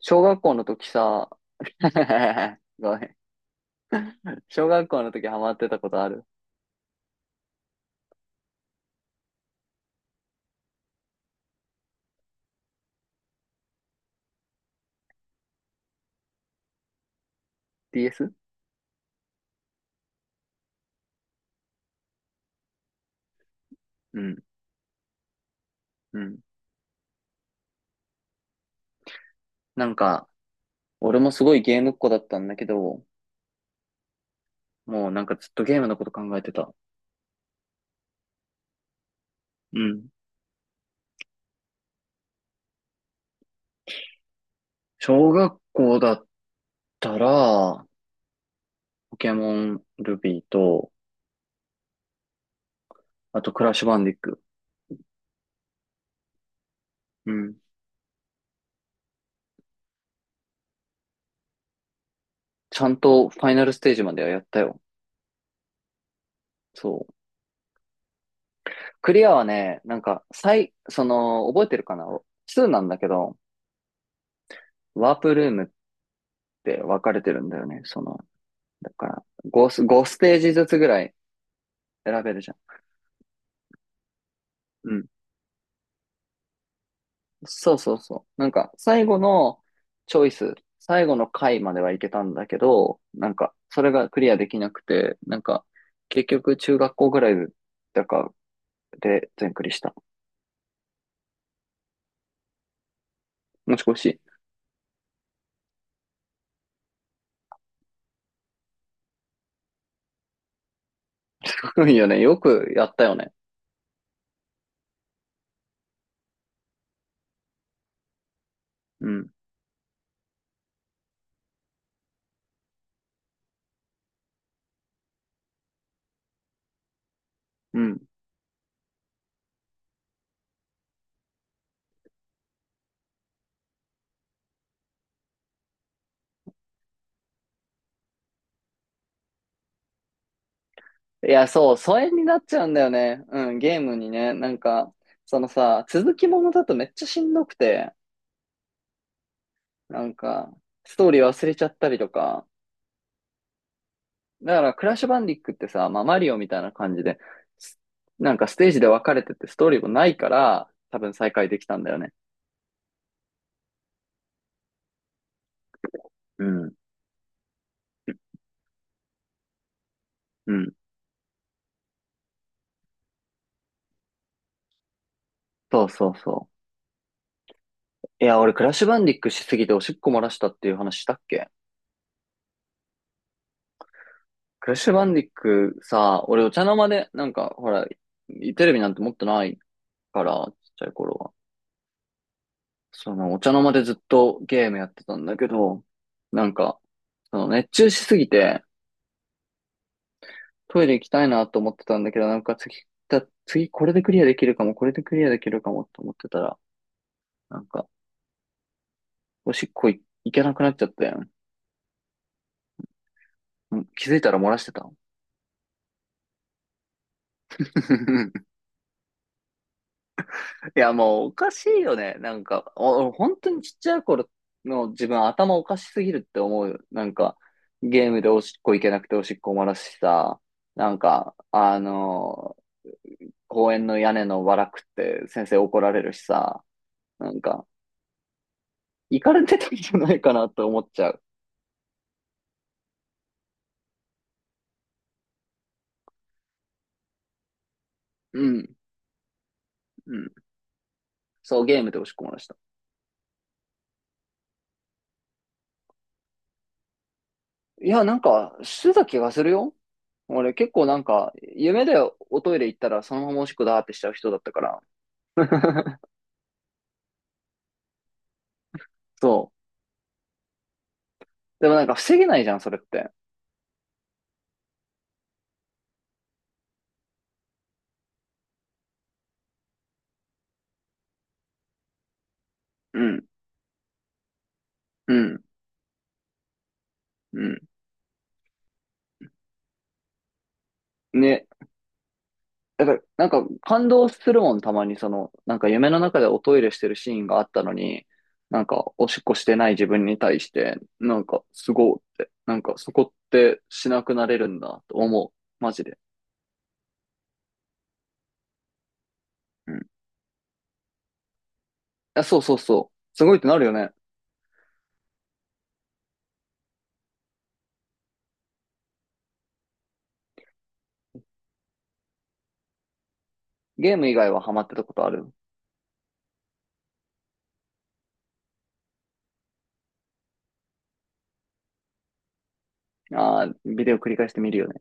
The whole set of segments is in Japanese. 小学校の時さ、ごめん。小学校の時ハマってたことある ?DS? うん、うん。なんか、俺もすごいゲームっ子だったんだけど、もうなんかずっとゲームのこと考えてた。うん。小学校だったら、ポケモン、ルビーと、あとクラッシュバンディック。うん。ちゃんとファイナルステージまではやったよ。そう。クリアはね、なんか、その、覚えてるかな ?2 なんだけど、ワープルームって分かれてるんだよね。その、だから、5、5ステージずつぐらい選べるじゃん。うん。そうそうそう。なんか、最後のチョイス、最後の回まではいけたんだけど、なんか、それがクリアできなくて、なんか、結局、中学校ぐらいだかで全クリした。もしもし。すごいよね。よくやったよね。うん。うん。いや、そう、疎遠になっちゃうんだよね。うん、ゲームにね。なんか、そのさ、続きものだとめっちゃしんどくて、なんか、ストーリー忘れちゃったりとか、だから、クラッシュバンディックってさ、まあ、マリオみたいな感じで、すなんかステージで分かれててストーリーもないから、多分再開できたんだよね。うん。うん。そうそうそう。いや、俺、クラッシュバンディックしすぎておしっこ漏らしたっていう話したっけ？クラッシュバンディックさ、俺、お茶の間で、なんか、ほら、テレビなんて持ってないから、ちっちゃい頃は。その、お茶の間でずっとゲームやってたんだけど、なんか、その、熱中しすぎて、トイレ行きたいなと思ってたんだけど、なんか次これでクリアできるかも、これでクリアできるかもと思ってたら、なんか、おしっこい、行けなくなっちゃったやん。うん。気づいたら漏らしてた。いや、もうおかしいよね。なんか、本当にちっちゃい頃の自分頭おかしすぎるって思うよ。なんか、ゲームでおしっこ行けなくておしっこ漏らしさ、なんか、公園の屋根のわらくって先生怒られるしさ、なんか、行かれてたんじゃないかなと思っちゃう。うん、うん。そう、ゲームで押し込まれました。いや、なんか、してた気がするよ。俺、結構なんか、夢でおトイレ行ったらそのままおしっこだーってしちゃう人だったから。そう。でもなんか、防げないじゃん、それって。うん、うん、うん。ね。だから、なんか、感動するもん、たまに、その、なんか、夢の中でおトイレしてるシーンがあったのに、なんか、おしっこしてない自分に対して、なんか、すごいって、なんか、そこってしなくなれるんだ、と思う。マジで。うん。あ、そうそうそう。すごいってなるよね。ゲーム以外はハマってたことある？ああー、ビデオ繰り返して見るよね。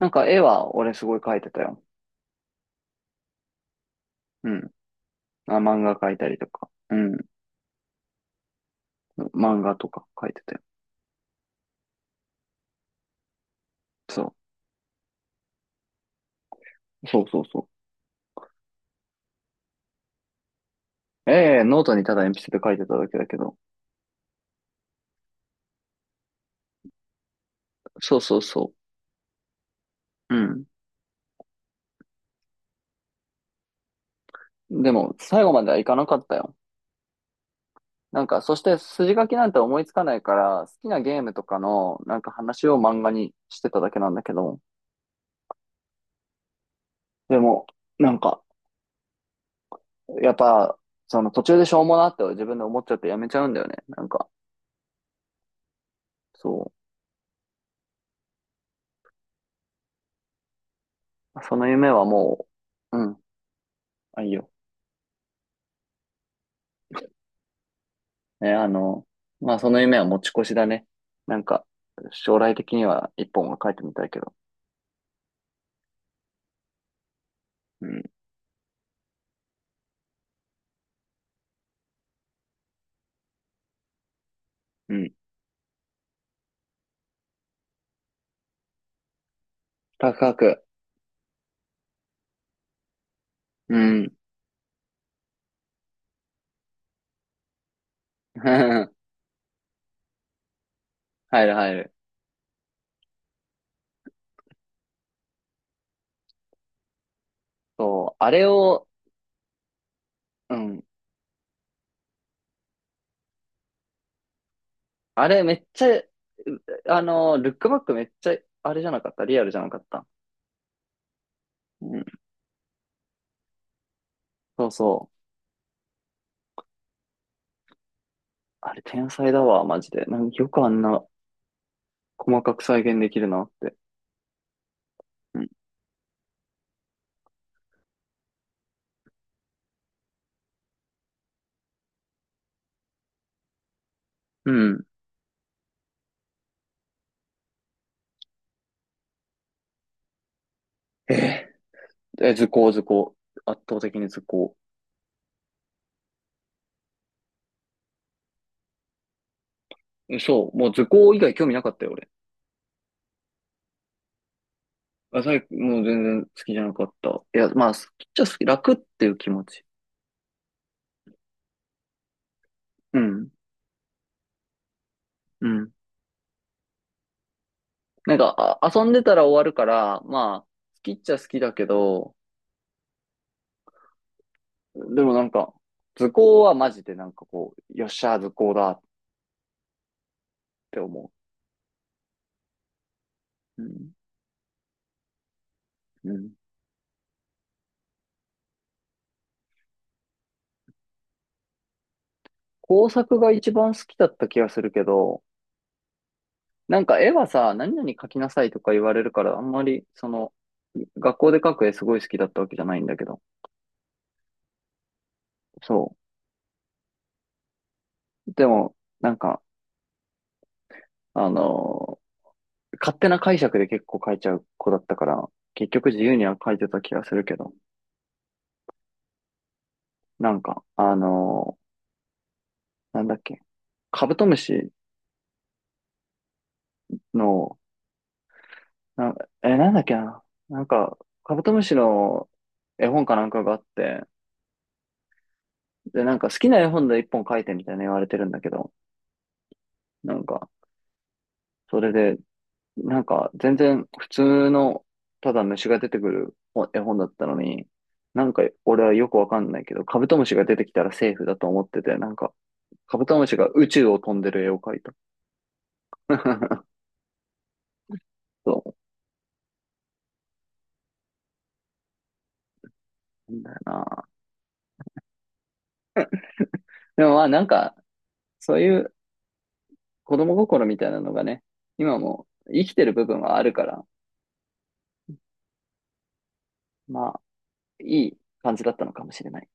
なんか絵は俺すごい描いてたよ。うん。あ、漫画描いたりとか。うん。漫画とか描いてたよ。そう。そうそうそう。ええ、ノートにただ鉛筆で描いてただけだけど。そうそうそう。うん。でも、最後まではいかなかったよ。なんか、そして筋書きなんて思いつかないから、好きなゲームとかの、なんか話を漫画にしてただけなんだけど、でも、なんか、やっぱ、その途中でしょうもなって自分で思っちゃってやめちゃうんだよね。なんか、そう。その夢はもう、うん、あ、いいよ。ね、まあその夢は持ち越しだね。なんか、将来的には一本は書いてみたいけど。うん、うん。高く。うん。入る入る。そう。あれを、うん。あれめっちゃ、うあの、ルックバックめっちゃ、あれじゃなかった。リアルじゃなかった。うん。そうそう。あれ天才だわ、マジで。なんかよくあんな細かく再現できるなって。うんうん。え図工、図工。圧倒的に図工。そう、もう図工以外興味なかったよ、俺。あ、もう全然好きじゃなかった。いや、まあ、好きっちゃ好き、楽っていう気持ち。うん、うん。なんか、あ、遊んでたら終わるから、まあ、好きっちゃ好きだけど、でもなんか、図工はマジでなんかこう、よっしゃ、図工だって思う。うん、うん。工作が一番好きだった気がするけど、なんか絵はさ、何々描きなさいとか言われるから、あんまり、その、学校で描く絵すごい好きだったわけじゃないんだけど。そう。でも、なんか、あのー勝手な解釈で結構描いちゃう子だったから、結局自由には描いてた気がするけど。なんか、なんだっけ、カブトムシの、な、なんだっけな。なんか、カブトムシの絵本かなんかがあって、で、なんか好きな絵本で一本描いてみたいな言われてるんだけど、なんか、それで、なんか、全然普通の、ただ虫が出てくる絵本だったのに、なんか俺はよくわかんないけど、カブトムシが出てきたらセーフだと思ってて、なんか、カブトムシが宇宙を飛んでる絵を描いた。そうなんだよな。でもまあなんか、そういう子供心みたいなのがね、今も生きてる部分はあるから、まあ、いい感じだったのかもしれない。